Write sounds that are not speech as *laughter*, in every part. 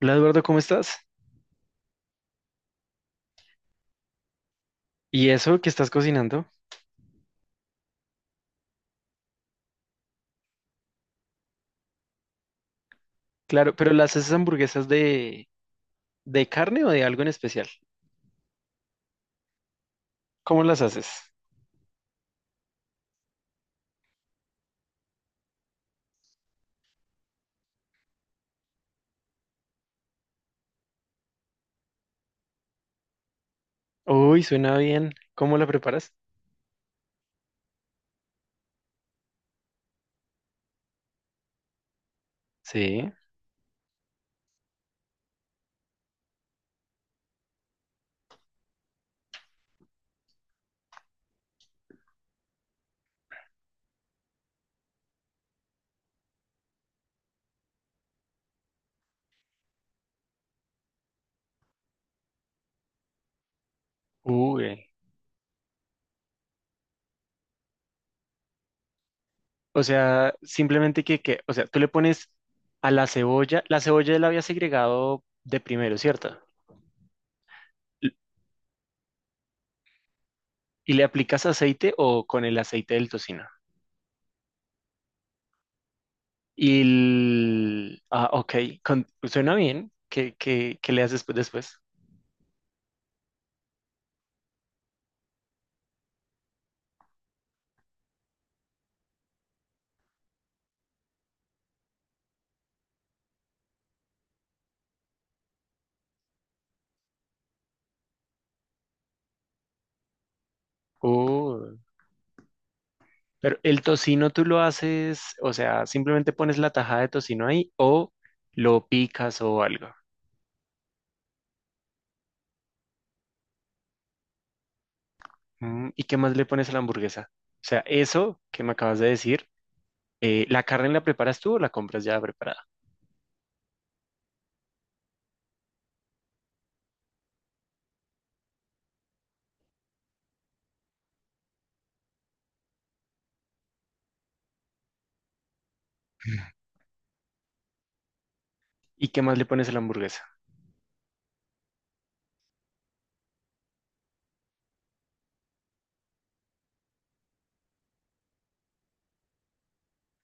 Hola Eduardo, ¿cómo estás? ¿Y eso que estás cocinando? Claro, pero ¿las haces hamburguesas de carne o de algo en especial? ¿Cómo las haces? Uy, suena bien. ¿Cómo la preparas? Sí. Uy. O sea, simplemente, tú le pones a la cebolla, la cebolla la había segregado de primero, ¿cierto? L- ¿Y le aplicas aceite o con el aceite del tocino? Ah, ok, suena bien. ¿Qué le haces después? Uy. Pero el tocino tú lo haces, o sea, simplemente pones la tajada de tocino ahí o lo picas o algo. Mm, ¿y qué más le pones a la hamburguesa? O sea, eso que me acabas de decir, ¿la carne la preparas tú o la compras ya preparada? ¿Y qué más le pones a la hamburguesa?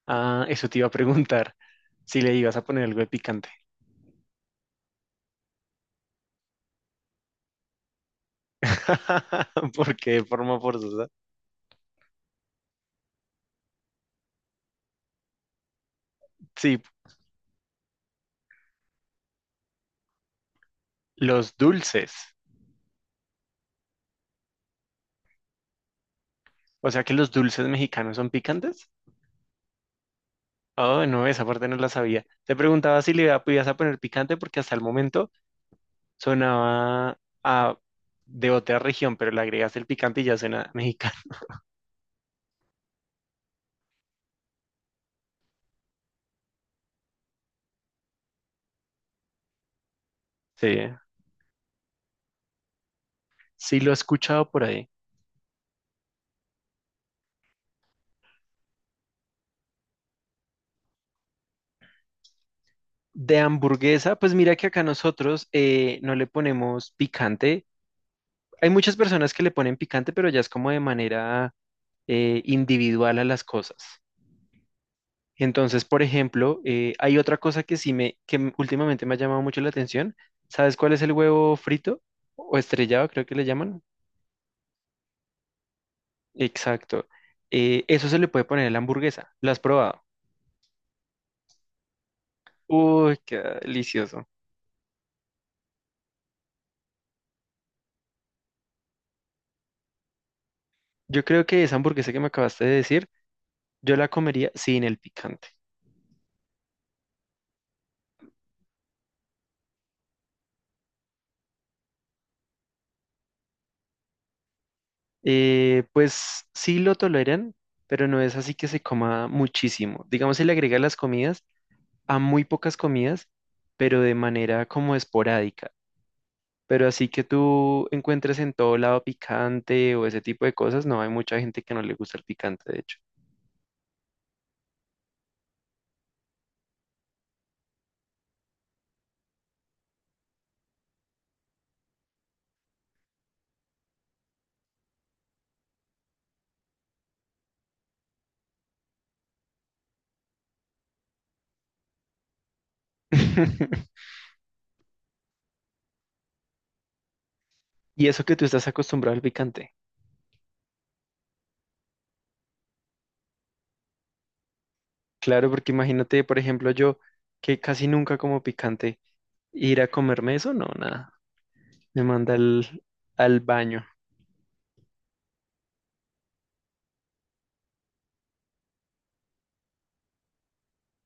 Ah, eso te iba a preguntar si le ibas a poner algo de picante. *laughs* Porque de forma forzosa. Sí, los dulces. O sea que los dulces mexicanos son picantes. Oh, no, esa parte no la sabía. Te preguntaba si le podías a poner picante porque hasta el momento sonaba a, de otra región, pero le agregas el picante y ya suena mexicano. *laughs* Sí, sí lo he escuchado por ahí. De hamburguesa, pues mira que acá nosotros no le ponemos picante. Hay muchas personas que le ponen picante, pero ya es como de manera individual a las cosas. Entonces, por ejemplo, hay otra cosa que sí me, que últimamente me ha llamado mucho la atención. ¿Sabes cuál es el huevo frito o estrellado, creo que le llaman? Exacto. Eso se le puede poner a la hamburguesa. ¿Lo has probado? Uy, qué delicioso. Yo creo que esa hamburguesa que me acabaste de decir, yo la comería sin el picante. Pues sí lo toleran, pero no es así que se coma muchísimo. Digamos, se le agrega a las comidas, a muy pocas comidas, pero de manera como esporádica. Pero así que tú encuentres en todo lado picante o ese tipo de cosas, no hay mucha gente que no le gusta el picante, de hecho. *laughs* Y eso que tú estás acostumbrado al picante. Claro, porque imagínate, por ejemplo, yo que casi nunca como picante, ir a comerme eso, no, nada. Me manda al, al baño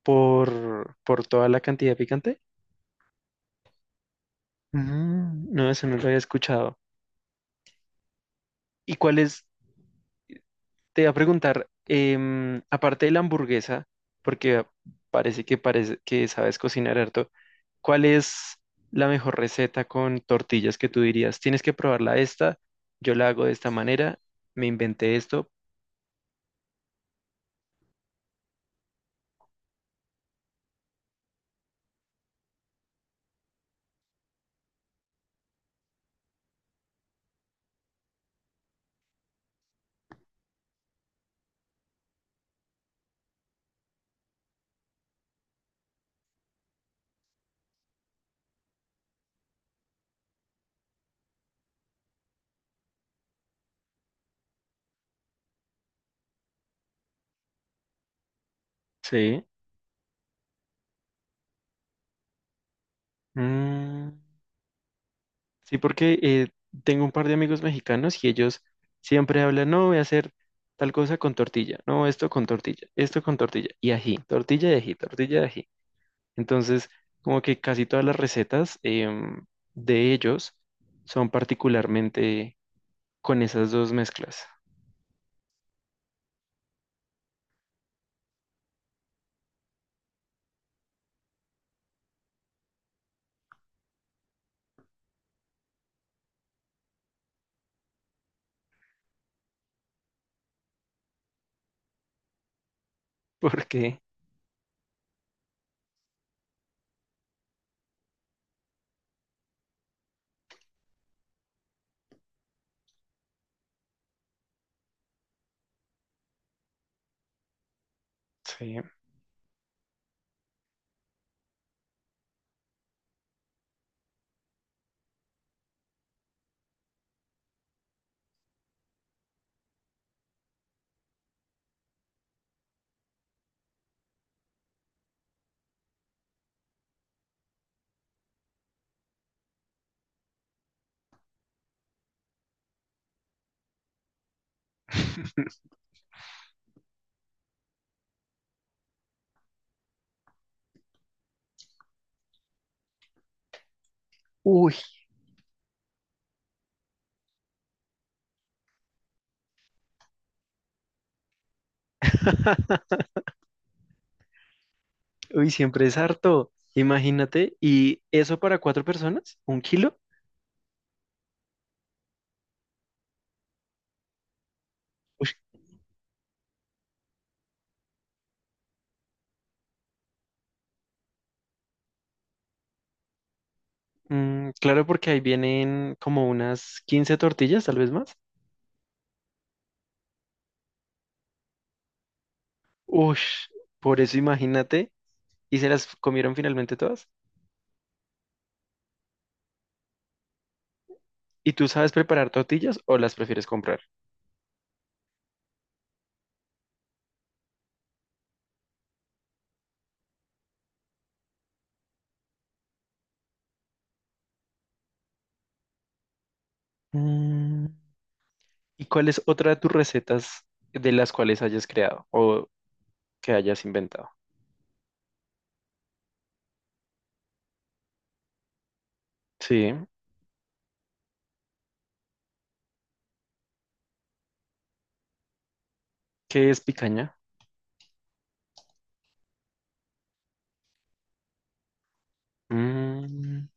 por toda la cantidad de picante. Mm, no, eso no lo había escuchado. ¿Y cuál es Te iba a preguntar, em, aparte de la hamburguesa, porque parece que sabes cocinar harto, ¿cuál es la mejor receta con tortillas que tú dirías? Tienes que probarla esta, yo la hago de esta manera, me inventé esto. Sí. Mm, sí, porque tengo un par de amigos mexicanos y ellos siempre hablan, no, voy a hacer tal cosa con tortilla, no, esto con tortilla y ají, tortilla de ají, tortilla de ají. Entonces, como que casi todas las recetas de ellos son particularmente con esas dos mezclas, *laughs* porque sí. Uy, *laughs* uy, siempre es harto. Imagínate, ¿y eso para 4 personas? ¿1 kilo? Uy, mm, claro, porque ahí vienen como unas 15 tortillas, tal vez más. Uy, por eso imagínate, ¿y se las comieron finalmente todas? ¿Y tú sabes preparar tortillas o las prefieres comprar? Mm. ¿Y cuál es otra de tus recetas de las cuales hayas creado o que hayas inventado? Sí. ¿Qué es picaña? Mm,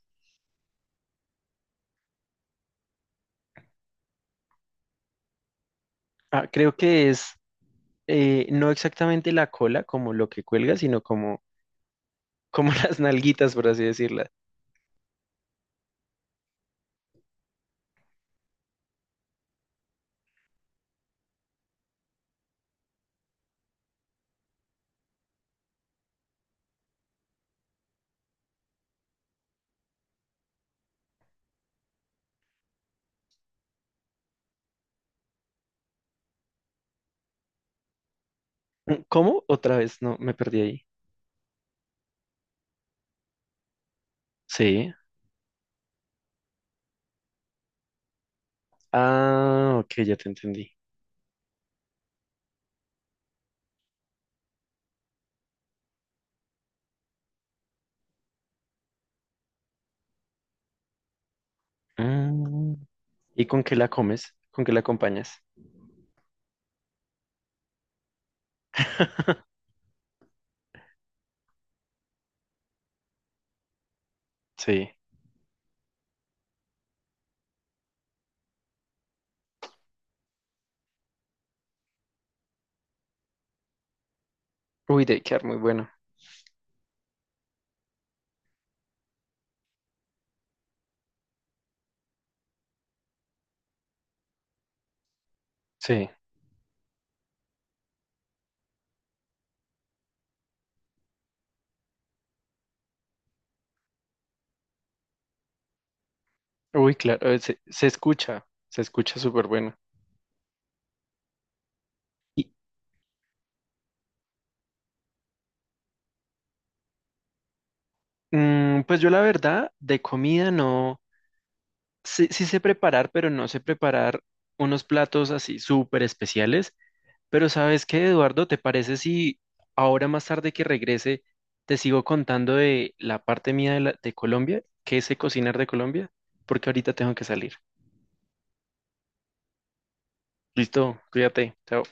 ah, creo que es no exactamente la cola como lo que cuelga, sino como, como *laughs* las nalguitas, por así decirlas. ¿Cómo? Otra vez, no, me perdí ahí. Sí. Ah, ok, ya te entendí. Mm, ¿y con qué la comes? ¿Con qué la acompañas? *laughs* Sí. Uy, debe quedar muy bueno. Sí. Uy, claro, se escucha súper bueno. Y, mm, pues yo la verdad, de comida no, sí, sí sé preparar, pero no sé preparar unos platos así súper especiales. Pero ¿sabes qué, Eduardo? ¿Te parece si ahora más tarde que regrese te sigo contando de la parte mía de, de Colombia, qué sé cocinar de Colombia? Porque ahorita tengo que salir. Listo, cuídate, chao.